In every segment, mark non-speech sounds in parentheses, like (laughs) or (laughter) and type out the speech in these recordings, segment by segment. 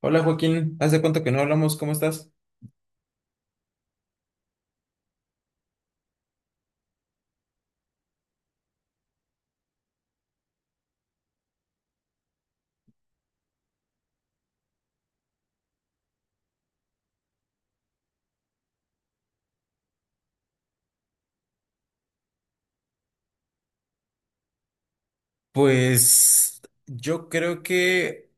Hola Joaquín, ¿hace cuánto que no hablamos? ¿Cómo estás? Pues yo creo que,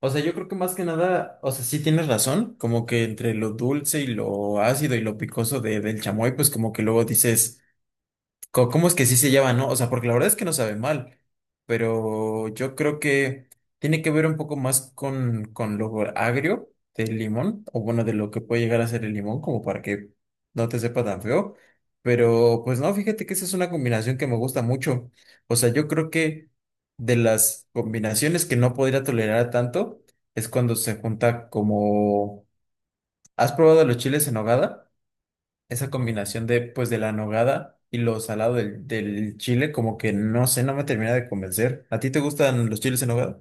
o sea, yo creo que más que nada, o sea, sí tienes razón, como que entre lo dulce y lo ácido y lo picoso del chamoy, pues como que luego dices... ¿Cómo es que sí se llevan, no? O sea, porque la verdad es que no sabe mal, pero yo creo que tiene que ver un poco más con lo agrio del limón, o bueno, de lo que puede llegar a ser el limón, como para que no te sepa tan feo. Pero pues no, fíjate que esa es una combinación que me gusta mucho. O sea, yo creo que de las combinaciones que no podría tolerar tanto es cuando se junta como... ¿Has probado los chiles en nogada? Esa combinación de, pues, de la nogada y lo salado del chile, como que no sé, no me termina de convencer. ¿A ti te gustan los chiles en nogada?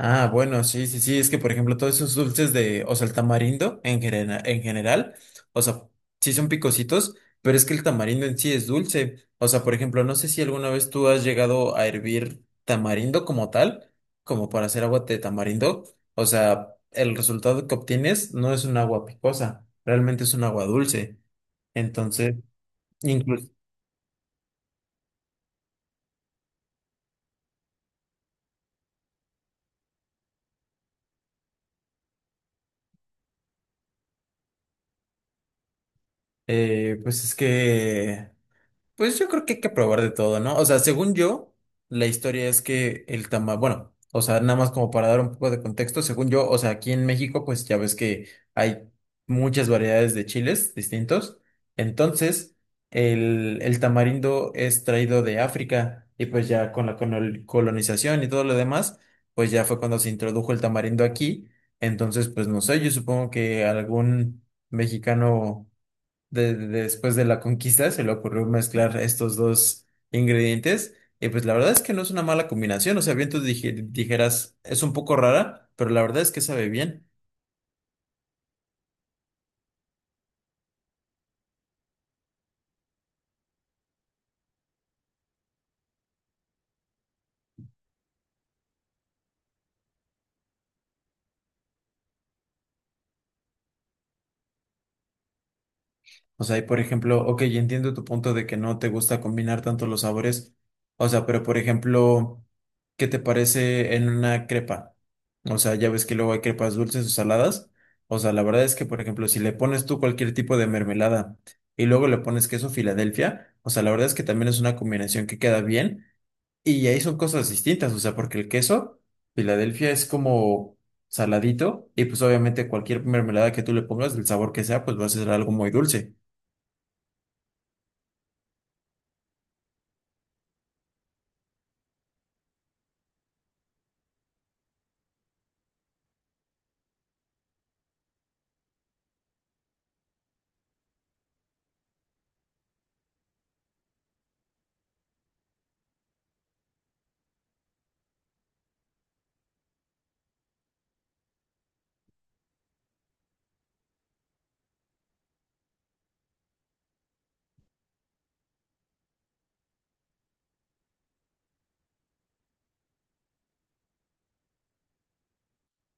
Ah, bueno, sí, sí, sí, es que por ejemplo todos esos dulces de, o sea, el tamarindo en general, o sea, sí son picositos, pero es que el tamarindo en sí es dulce. O sea, por ejemplo, no sé si alguna vez tú has llegado a hervir tamarindo como tal, como para hacer agua de tamarindo. O sea, el resultado que obtienes no es un agua picosa, realmente es un agua dulce. Entonces, incluso, eh, pues es que pues yo creo que hay que probar de todo, ¿no? O sea, según yo, la historia es que el tamal, bueno, o sea, nada más como para dar un poco de contexto, según yo, o sea, aquí en México, pues ya ves que hay muchas variedades de chiles distintos. Entonces, el tamarindo es traído de África y pues ya con la colonización y todo lo demás, pues ya fue cuando se introdujo el tamarindo aquí. Entonces, pues no sé, yo supongo que algún mexicano después de la conquista, se le ocurrió mezclar estos dos ingredientes. Y pues la verdad es que no es una mala combinación. O sea, bien tú dijeras, es un poco rara, pero la verdad es que sabe bien. O sea, y por ejemplo, ok, entiendo tu punto de que no te gusta combinar tanto los sabores. O sea, pero por ejemplo, ¿qué te parece en una crepa? O sea, ya ves que luego hay crepas dulces o saladas. O sea, la verdad es que, por ejemplo, si le pones tú cualquier tipo de mermelada y luego le pones queso Filadelfia, o sea, la verdad es que también es una combinación que queda bien. Y ahí son cosas distintas, o sea, porque el queso Filadelfia es como saladito y pues obviamente cualquier mermelada que tú le pongas, del sabor que sea, pues va a ser algo muy dulce.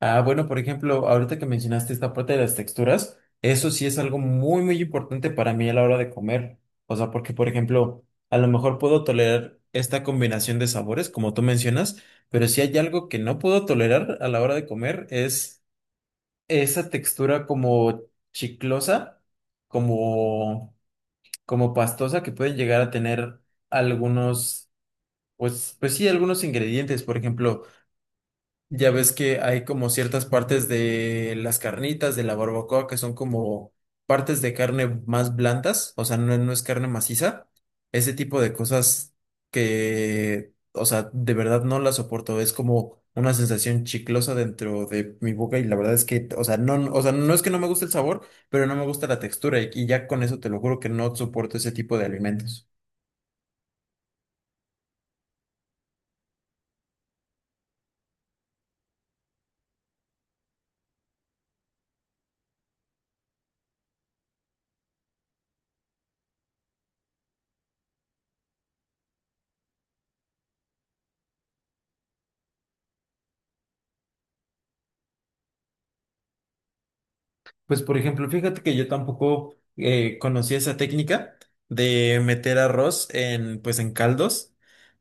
Ah, bueno, por ejemplo, ahorita que mencionaste esta parte de las texturas, eso sí es algo muy, muy importante para mí a la hora de comer. O sea, porque, por ejemplo, a lo mejor puedo tolerar esta combinación de sabores, como tú mencionas, pero si hay algo que no puedo tolerar a la hora de comer es esa textura como chiclosa, como, como pastosa que pueden llegar a tener algunos, pues, pues sí, algunos ingredientes, por ejemplo. Ya ves que hay como ciertas partes de las carnitas, de la barbacoa, que son como partes de carne más blandas, o sea, no, no es carne maciza. Ese tipo de cosas que, o sea, de verdad no las soporto. Es como una sensación chiclosa dentro de mi boca y la verdad es que, o sea, no, o sea, no es que no me guste el sabor, pero no me gusta la textura y ya con eso te lo juro que no soporto ese tipo de alimentos. Pues por ejemplo, fíjate que yo tampoco conocía esa técnica de meter arroz en pues en caldos,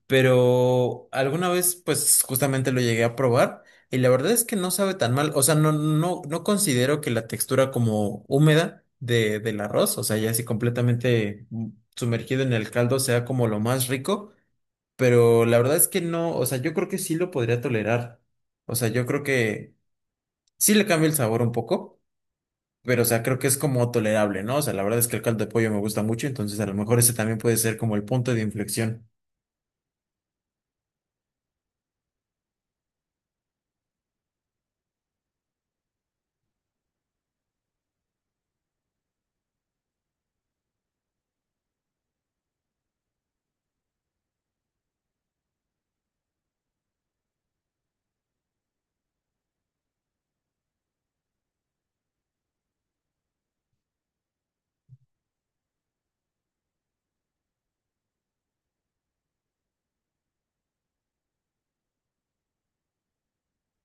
pero alguna vez pues justamente lo llegué a probar y la verdad es que no sabe tan mal, o sea, no considero que la textura como húmeda de del arroz, o sea, ya así completamente sumergido en el caldo sea como lo más rico, pero la verdad es que no, o sea, yo creo que sí lo podría tolerar. O sea, yo creo que sí le cambia el sabor un poco. Pero, o sea, creo que es como tolerable, ¿no? O sea, la verdad es que el caldo de pollo me gusta mucho, entonces a lo mejor ese también puede ser como el punto de inflexión.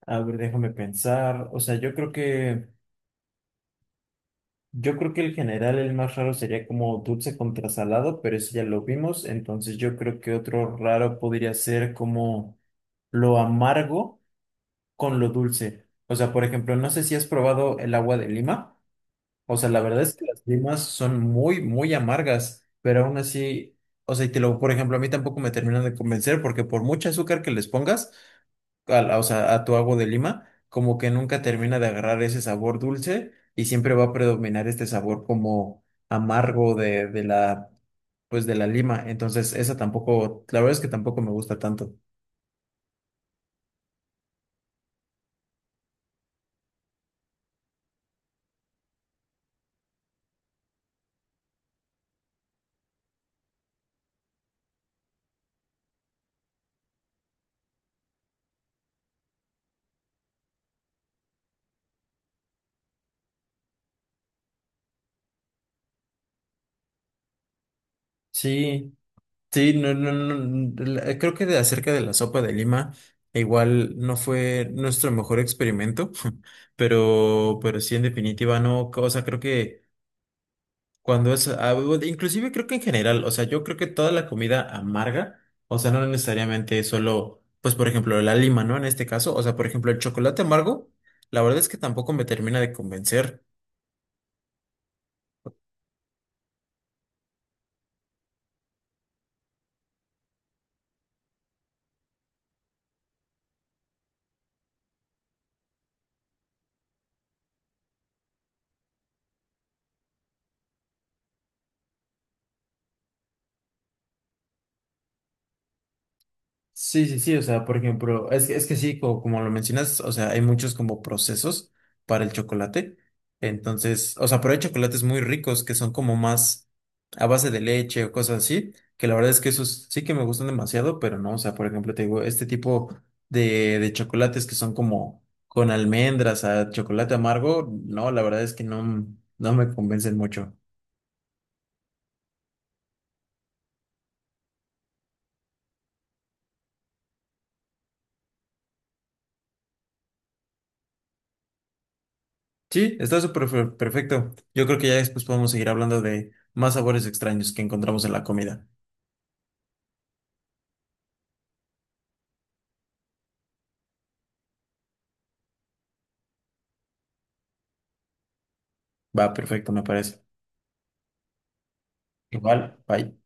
A ver, déjame pensar. O sea, yo creo que el general, el más raro sería como dulce contra salado, pero eso ya lo vimos. Entonces yo creo que otro raro podría ser como lo amargo con lo dulce. O sea, por ejemplo, no sé si has probado el agua de lima. O sea, la verdad es que las limas son muy, muy amargas, pero aún así, o sea, y te lo, por ejemplo, a mí tampoco me terminan de convencer porque por mucho azúcar que les pongas, o sea, a tu agua de lima, como que nunca termina de agarrar ese sabor dulce y siempre va a predominar este sabor como amargo de la, pues de la lima. Entonces, esa tampoco, la verdad es que tampoco me gusta tanto. Sí. Sí, no, no, no, no, la- creo que de acerca de la sopa de lima, igual no fue nuestro mejor experimento, (laughs) pero sí, en definitiva, no, o sea, creo que cuando es, ah, bueno, inclusive creo que en general, o sea, yo creo que toda la comida amarga, o sea, no necesariamente solo, pues, por ejemplo, la lima, ¿no? En este caso, o sea, por ejemplo, el chocolate amargo, la verdad es que tampoco me termina de convencer. Sí, sí, sí, o sea, por ejemplo, es que sí, como, lo mencionas, o sea, hay muchos como procesos para el chocolate. Entonces, o sea, pero hay chocolates muy ricos que son como más a base de leche o cosas así, que la verdad es que esos sí que me gustan demasiado, pero no, o sea, por ejemplo, te digo, este tipo de chocolates que son como con almendras, a chocolate amargo, no, la verdad es que no, no me convencen mucho. Sí, está súper perfecto. Yo creo que ya después podemos seguir hablando de más sabores extraños que encontramos en la comida. Va, perfecto, me parece. Igual, bye.